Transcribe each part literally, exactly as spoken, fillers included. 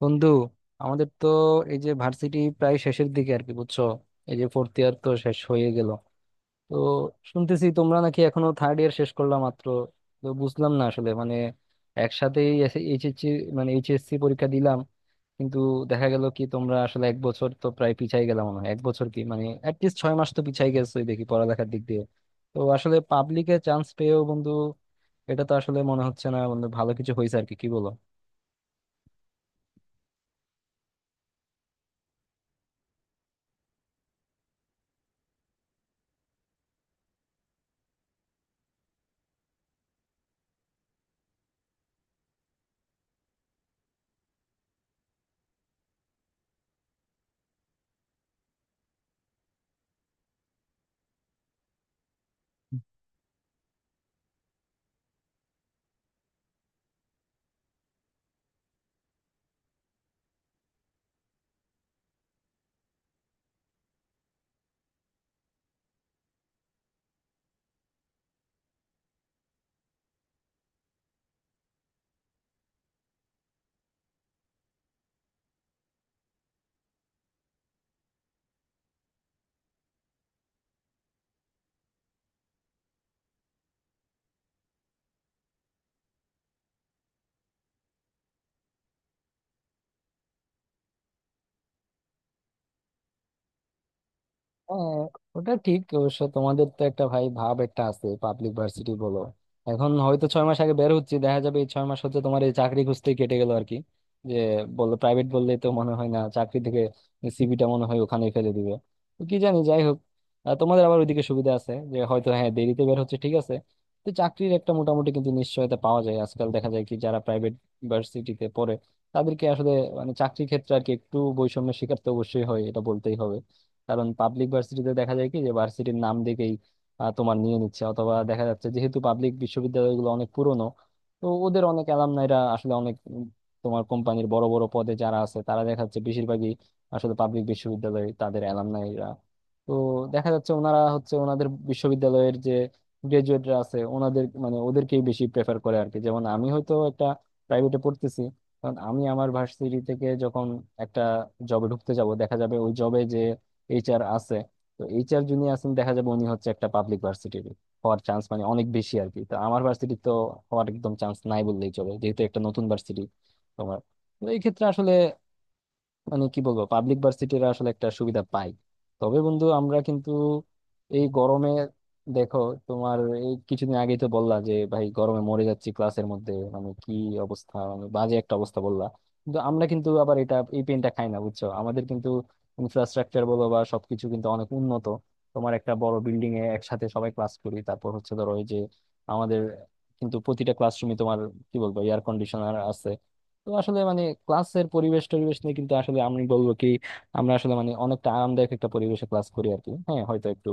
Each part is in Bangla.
বন্ধু আমাদের তো এই যে ভার্সিটি প্রায় শেষের দিকে আর কি বুঝছো? এই যে ফোর্থ ইয়ার তো শেষ হয়ে গেল, তো শুনতেছি তোমরা নাকি এখনো থার্ড ইয়ার শেষ করলা মাত্র। তো বুঝলাম না আসলে মানে একসাথেই এইচএসসি, মানে এইচএসসি পরীক্ষা দিলাম কিন্তু দেখা গেল কি তোমরা আসলে এক বছর তো প্রায় পিছাই গেলাম মনে হয়, এক বছর কি মানে অ্যাটলিস্ট ছয় মাস তো পিছাই গেছোই দেখি পড়ালেখার দিক দিয়ে। তো আসলে পাবলিকে চান্স পেয়েও বন্ধু এটা তো আসলে মনে হচ্ছে না বন্ধু ভালো কিছু হয়েছে আর কি, কি বলো? হ্যাঁ, ওটা ঠিক অবশ্য, তোমাদের তো একটা ভাই ভাব একটা আছে পাবলিক ভার্সিটি বলো। এখন হয়তো ছয় মাস আগে বের হচ্ছে, দেখা যাবে এই ছয় মাস হচ্ছে তোমার এই চাকরি খুঁজতেই কেটে গেল আর কি। যে বললো প্রাইভেট বললে তো মনে হয় না চাকরি থেকে সিভিটা মনে হয় ওখানেই ফেলে দিবে। তো কি জানি, যাই হোক। আহ, তোমাদের আবার ওইদিকে সুবিধা আছে যে হয়তো হ্যাঁ দেরিতে বের হচ্ছে ঠিক আছে, তো চাকরির একটা মোটামুটি কিন্তু নিশ্চয়তা পাওয়া যায়। আজকাল দেখা যায় কি যারা প্রাইভেট ভার্সিটিতে পড়ে তাদেরকে আসলে মানে চাকরির ক্ষেত্রে আর কি একটু বৈষম্যের শিকার তো অবশ্যই হয়, এটা বলতেই হবে। কারণ পাবলিক ভার্সিটিতে দেখা যায় কি যে ভার্সিটির নাম দেখেই আহ, তোমার নিয়ে নিচ্ছে, অথবা দেখা যাচ্ছে যেহেতু পাবলিক বিশ্ববিদ্যালয়গুলো অনেক পুরনো, তো ওদের অনেক অ্যালামনাইরা আসলে অনেক উম, তোমার কোম্পানির বড় বড় পদে যারা আছে তারা দেখা যাচ্ছে বেশিরভাগই আসলে পাবলিক বিশ্ববিদ্যালয়ে তাদের অ্যালামনাইরা। তো দেখা যাচ্ছে ওনারা হচ্ছে ওনাদের বিশ্ববিদ্যালয়ের যে গ্রাজুয়েটরা আছে ওনাদের মানে ওদেরকেই বেশি প্রেফার করে আর কি। যেমন আমি হয়তো একটা প্রাইভেটে পড়তেছি, কারণ আমি আমার ভার্সিটি থেকে যখন একটা জবে ঢুকতে যাব দেখা যাবে ওই জবে যে এইচআর আছে, তো এইচআর যিনি আছেন দেখা যাবে উনি হচ্ছে একটা পাবলিক ভার্সিটির হওয়ার চান্স মানে অনেক বেশি আর কি। তো আমার ভার্সিটি তো হওয়ার একদম চান্স নাই বললেই চলে যেহেতু একটা নতুন ভার্সিটি তোমার। তো এই ক্ষেত্রে আসলে মানে কি বলবো পাবলিক ভার্সিটিরা আসলে একটা সুবিধা পাই। তবে বন্ধু আমরা কিন্তু এই গরমে দেখো তোমার এই কিছুদিন আগেই তো বললা যে ভাই গরমে মরে যাচ্ছি ক্লাসের মধ্যে মানে কি অবস্থা, মানে বাজে একটা অবস্থা বললা। কিন্তু আমরা কিন্তু আবার এটা এই পেনটা খাই না বুঝছো, আমাদের কিন্তু ইনফ্রাস্ট্রাকচার বলো বা সবকিছু কিন্তু অনেক উন্নত। তোমার একটা বড় বিল্ডিং এ একসাথে সবাই ক্লাস করি, তারপর হচ্ছে ধরো ওই যে আমাদের কিন্তু প্রতিটা ক্লাসরুমে তোমার কি বলবো এয়ার কন্ডিশনার। তো আসলে মানে ক্লাসের পরিবেশ টরিবেশ নিয়ে কিন্তু আসলে আমি বলবো কি আমরা আসলে মানে অনেকটা আরামদায়ক একটা পরিবেশে ক্লাস করি আর কি। হ্যাঁ হয়তো একটু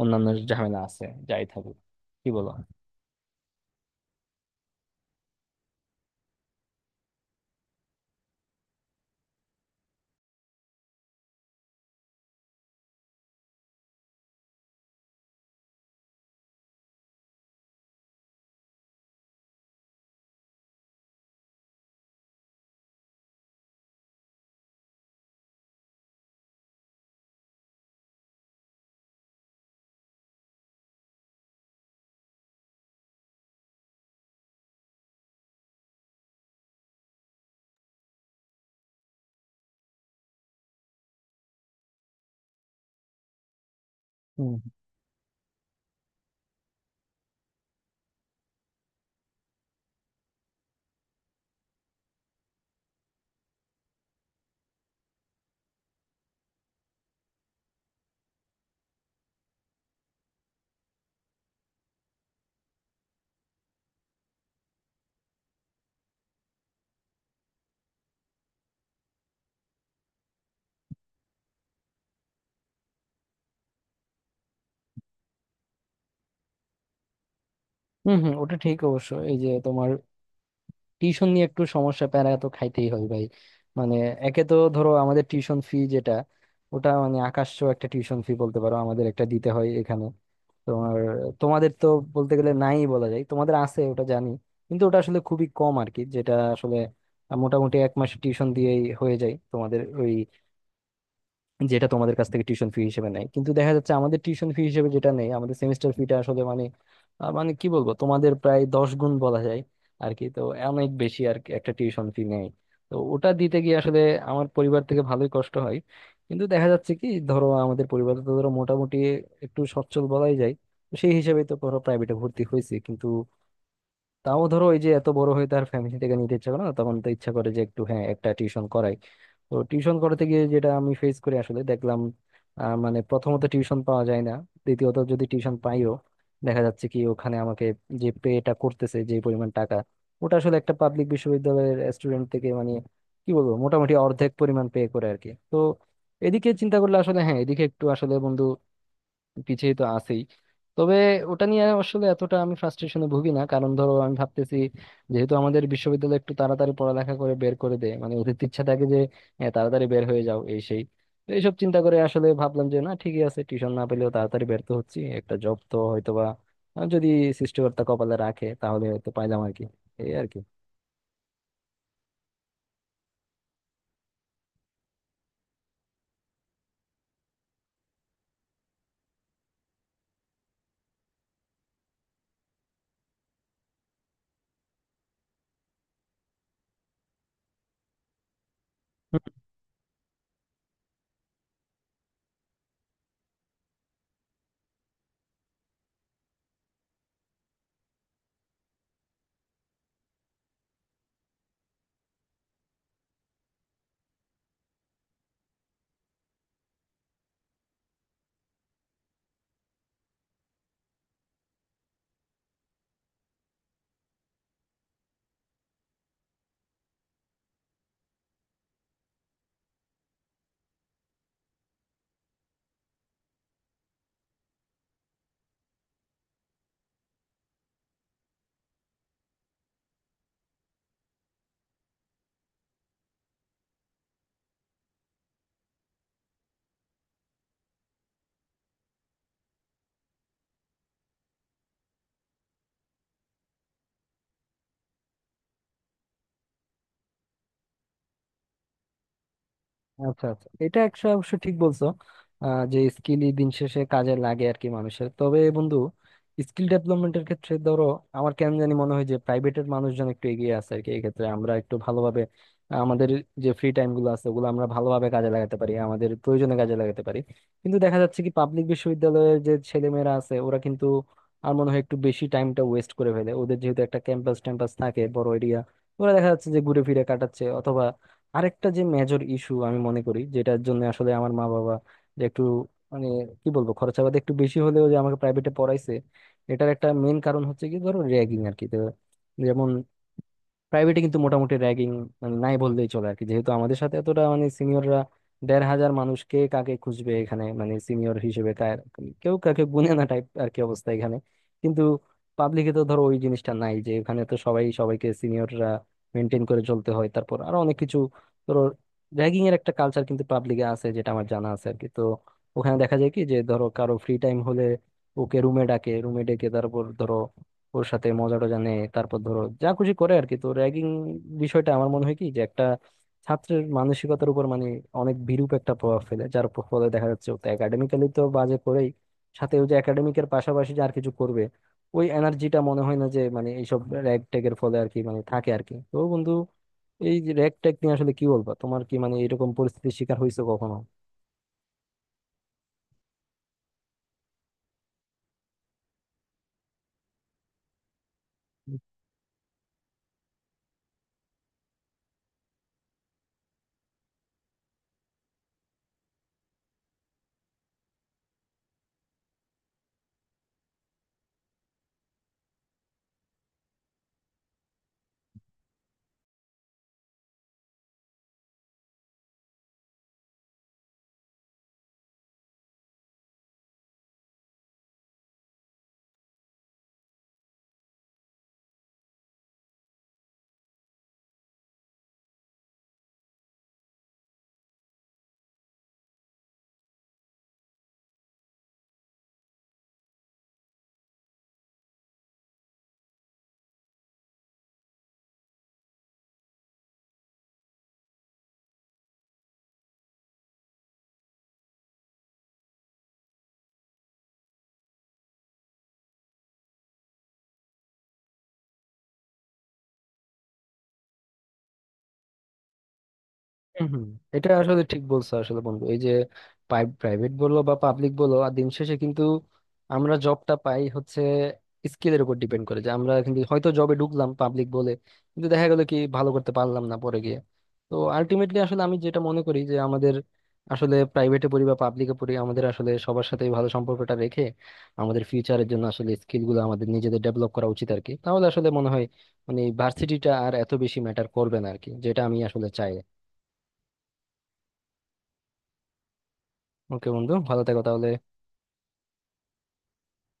অন্যান্য ঝামেলা আছে, যাই থাকুক, কি বলো? হম, হম, হম, ওটা ঠিক অবশ্য এই যে তোমার টিউশন নিয়ে একটু সমস্যা, প্যারা তো খাইতেই হয় ভাই। মানে একে তো ধরো আমাদের টিউশন ফি যেটা ওটা মানে আকাশছোঁয়া একটা টিউশন ফি বলতে পারো, আমাদের একটা দিতে হয় এখানে তোমার। তোমাদের তো বলতে গেলে নাই বলা যায়, তোমাদের আছে ওটা জানি কিন্তু ওটা আসলে খুবই কম আর কি, যেটা আসলে মোটামুটি এক মাস টিউশন দিয়েই হয়ে যায় তোমাদের, যেটা তোমাদের কাছ থেকে টিউশন ফি হিসেবে নেয়। কিন্তু দেখা যাচ্ছে আমাদের টিউশন ফি হিসেবে যেটা নেই আমাদের সেমিস্টার ফিটা আসলে মানে আহ, মানে কি বলবো তোমাদের প্রায় দশ গুণ বলা যায় আর কি, তো অনেক বেশি আর কি একটা টিউশন ফি নেয়। তো ওটা দিতে গিয়ে আসলে আমার পরিবার থেকে ভালোই কষ্ট হয়। কিন্তু দেখা যাচ্ছে কি, ধরো আমাদের পরিবার তো ধরো মোটামুটি একটু সচ্ছল বলাই যায়, তো সেই হিসেবে তো ধরো প্রাইভেটে ভর্তি হয়েছি কিন্তু তাও ধরো ওই যে এত বড় হয়ে তার ফ্যামিলি থেকে নিতে ইচ্ছা করে না, তখন তো ইচ্ছা করে যে একটু হ্যাঁ একটা টিউশন করাই। তো টিউশন করাতে গিয়ে যেটা আমি ফেস করি আসলে দেখলাম আহ, মানে প্রথমত টিউশন পাওয়া যায় না, দ্বিতীয়ত যদি টিউশন পাইও দেখা যাচ্ছে কি ওখানে আমাকে যে পেটা করতেছে যে পরিমাণ টাকা, ওটা আসলে একটা পাবলিক বিশ্ববিদ্যালয়ের স্টুডেন্ট থেকে মানে কি বলবো মোটামুটি অর্ধেক পরিমাণ পে করে আর কি। তো এদিকে চিন্তা করলে আসলে হ্যাঁ এদিকে একটু আসলে বন্ধু পিছিয়ে তো আছেই। তবে ওটা নিয়ে আসলে এতটা আমি ফ্রাস্ট্রেশনে ভুগি না, কারণ ধরো আমি ভাবতেছি যেহেতু আমাদের বিশ্ববিদ্যালয় একটু তাড়াতাড়ি পড়ালেখা করে বের করে দেয়, মানে ওদের তো ইচ্ছা থাকে যে হ্যাঁ, তাড়াতাড়ি বের হয়ে যাও এই সেই। তো এইসব চিন্তা করে আসলে ভাবলাম যে না ঠিকই আছে, টিউশন না পেলেও তাড়াতাড়ি বের তো হচ্ছি, একটা জব তো হয়তোবা আহ, যদি সৃষ্টিকর্তা কপালে রাখে তাহলে হয়তো পাইলাম আর কি, এই আর কি। আচ্ছা আচ্ছা, এটা একটা অবশ্য ঠিক বলছো, আহ, যে স্কিলই দিন শেষে কাজে লাগে আর কি মানুষের। তবে বন্ধু স্কিল ডেভেলপমেন্টের ক্ষেত্রে ধরো আমার কেন জানি মনে হয় যে প্রাইভেটের মানুষজন একটু এগিয়ে আছে আর কি, এই ক্ষেত্রে আমরা একটু ভালোভাবে আমাদের যে ফ্রি টাইম গুলো আছে ওগুলো আমরা ভালোভাবে কাজে লাগাতে পারি, আমাদের প্রয়োজনে কাজে লাগাতে পারি। কিন্তু দেখা যাচ্ছে কি পাবলিক বিশ্ববিদ্যালয়ের যে ছেলেমেয়েরা আছে ওরা কিন্তু আর মনে হয় একটু বেশি টাইমটা ওয়েস্ট করে ফেলে, ওদের যেহেতু একটা ক্যাম্পাস ট্যাম্পাস থাকে বড় এরিয়া, ওরা দেখা যাচ্ছে যে ঘুরে ফিরে কাটাচ্ছে। আরেকটা যে মেজর ইস্যু আমি মনে করি যেটার জন্য আসলে আমার মা বাবা যে একটু মানে কি বলবো খরচাবাদ একটু বেশি হলেও যে আমাকে প্রাইভেটে পড়াইছে, এটার একটা মেন কারণ হচ্ছে কি ধরো র্যাগিং আর কি। তো যেমন প্রাইভেটে কিন্তু মোটামুটি র্যাগিং মানে নাই বললেই চলে আর কি, যেহেতু আমাদের সাথে এতটা মানে সিনিয়ররা দেড় হাজার মানুষকে কাকে খুঁজবে এখানে, মানে সিনিয়র হিসেবে কার, কেউ কাকে গুনে না টাইপ আর কি অবস্থা এখানে। কিন্তু পাবলিকে তো ধরো ওই জিনিসটা নাই, যে এখানে তো সবাই সবাইকে সিনিয়ররা মেনটেন করে চলতে হয়, তারপর আরো অনেক কিছু, ধরো র্যাগিং এর একটা কালচার কিন্তু পাবলিকে আছে যেটা আমার জানা আছে আর কি। তো ওখানে দেখা যায় কি যে ধরো কারো ফ্রি টাইম হলে ওকে রুমে ডাকে, রুমে ডেকে তারপর ধরো ওর সাথে মজা টজা নেয়, তারপর ধরো যা খুশি করে আর কি। তো র্যাগিং বিষয়টা আমার মনে হয় কি যে একটা ছাত্রের মানসিকতার উপর মানে অনেক বিরূপ একটা প্রভাব ফেলে, যার প- ফলে দেখা যাচ্ছে ও তো একাডেমিক্যালি তো বাজে করেই, সাথে ও যে একাডেমিকের পাশাপাশি যে আর কিছু করবে ওই এনার্জিটা মনে হয় না যে মানে এইসব র্যাগ ট্যাগের ফলে আর কি মানে থাকে আর কি। তো বন্ধু এই যে র্যাগ ট্যাগ নিয়ে আসলে কি বলবা, তোমার কি মানে এরকম পরিস্থিতির শিকার হয়েছে কখনো? হম, হম, এটা আসলে ঠিক বলছো আসলে বন্ধু। এই যে প্রাইভেট বলো বা পাবলিক বলো আর দিন শেষে কিন্তু আমরা জবটা পাই হচ্ছে স্কিলের উপর ডিপেন্ড করে, যে আমরা কিন্তু হয়তো জবে ঢুকলাম পাবলিক বলে কিন্তু দেখা গেলো কি ভালো করতে পারলাম না পরে গিয়ে। তো আলটিমেটলি আসলে আমি যেটা মনে করি যে আমাদের আসলে প্রাইভেটে পড়ি বা পাবলিকে পড়ি আমাদের আসলে সবার সাথে ভালো সম্পর্কটা রেখে আমাদের ফিউচারের জন্য আসলে স্কিল গুলো আমাদের নিজেদের ডেভেলপ করা উচিত আর কি, তাহলে আসলে মনে হয় মানে ভার্সিটিটা আর এত বেশি ম্যাটার করবে না আর কি, যেটা আমি আসলে চাই। ওকে বন্ধু, ভালো থেকো তাহলে।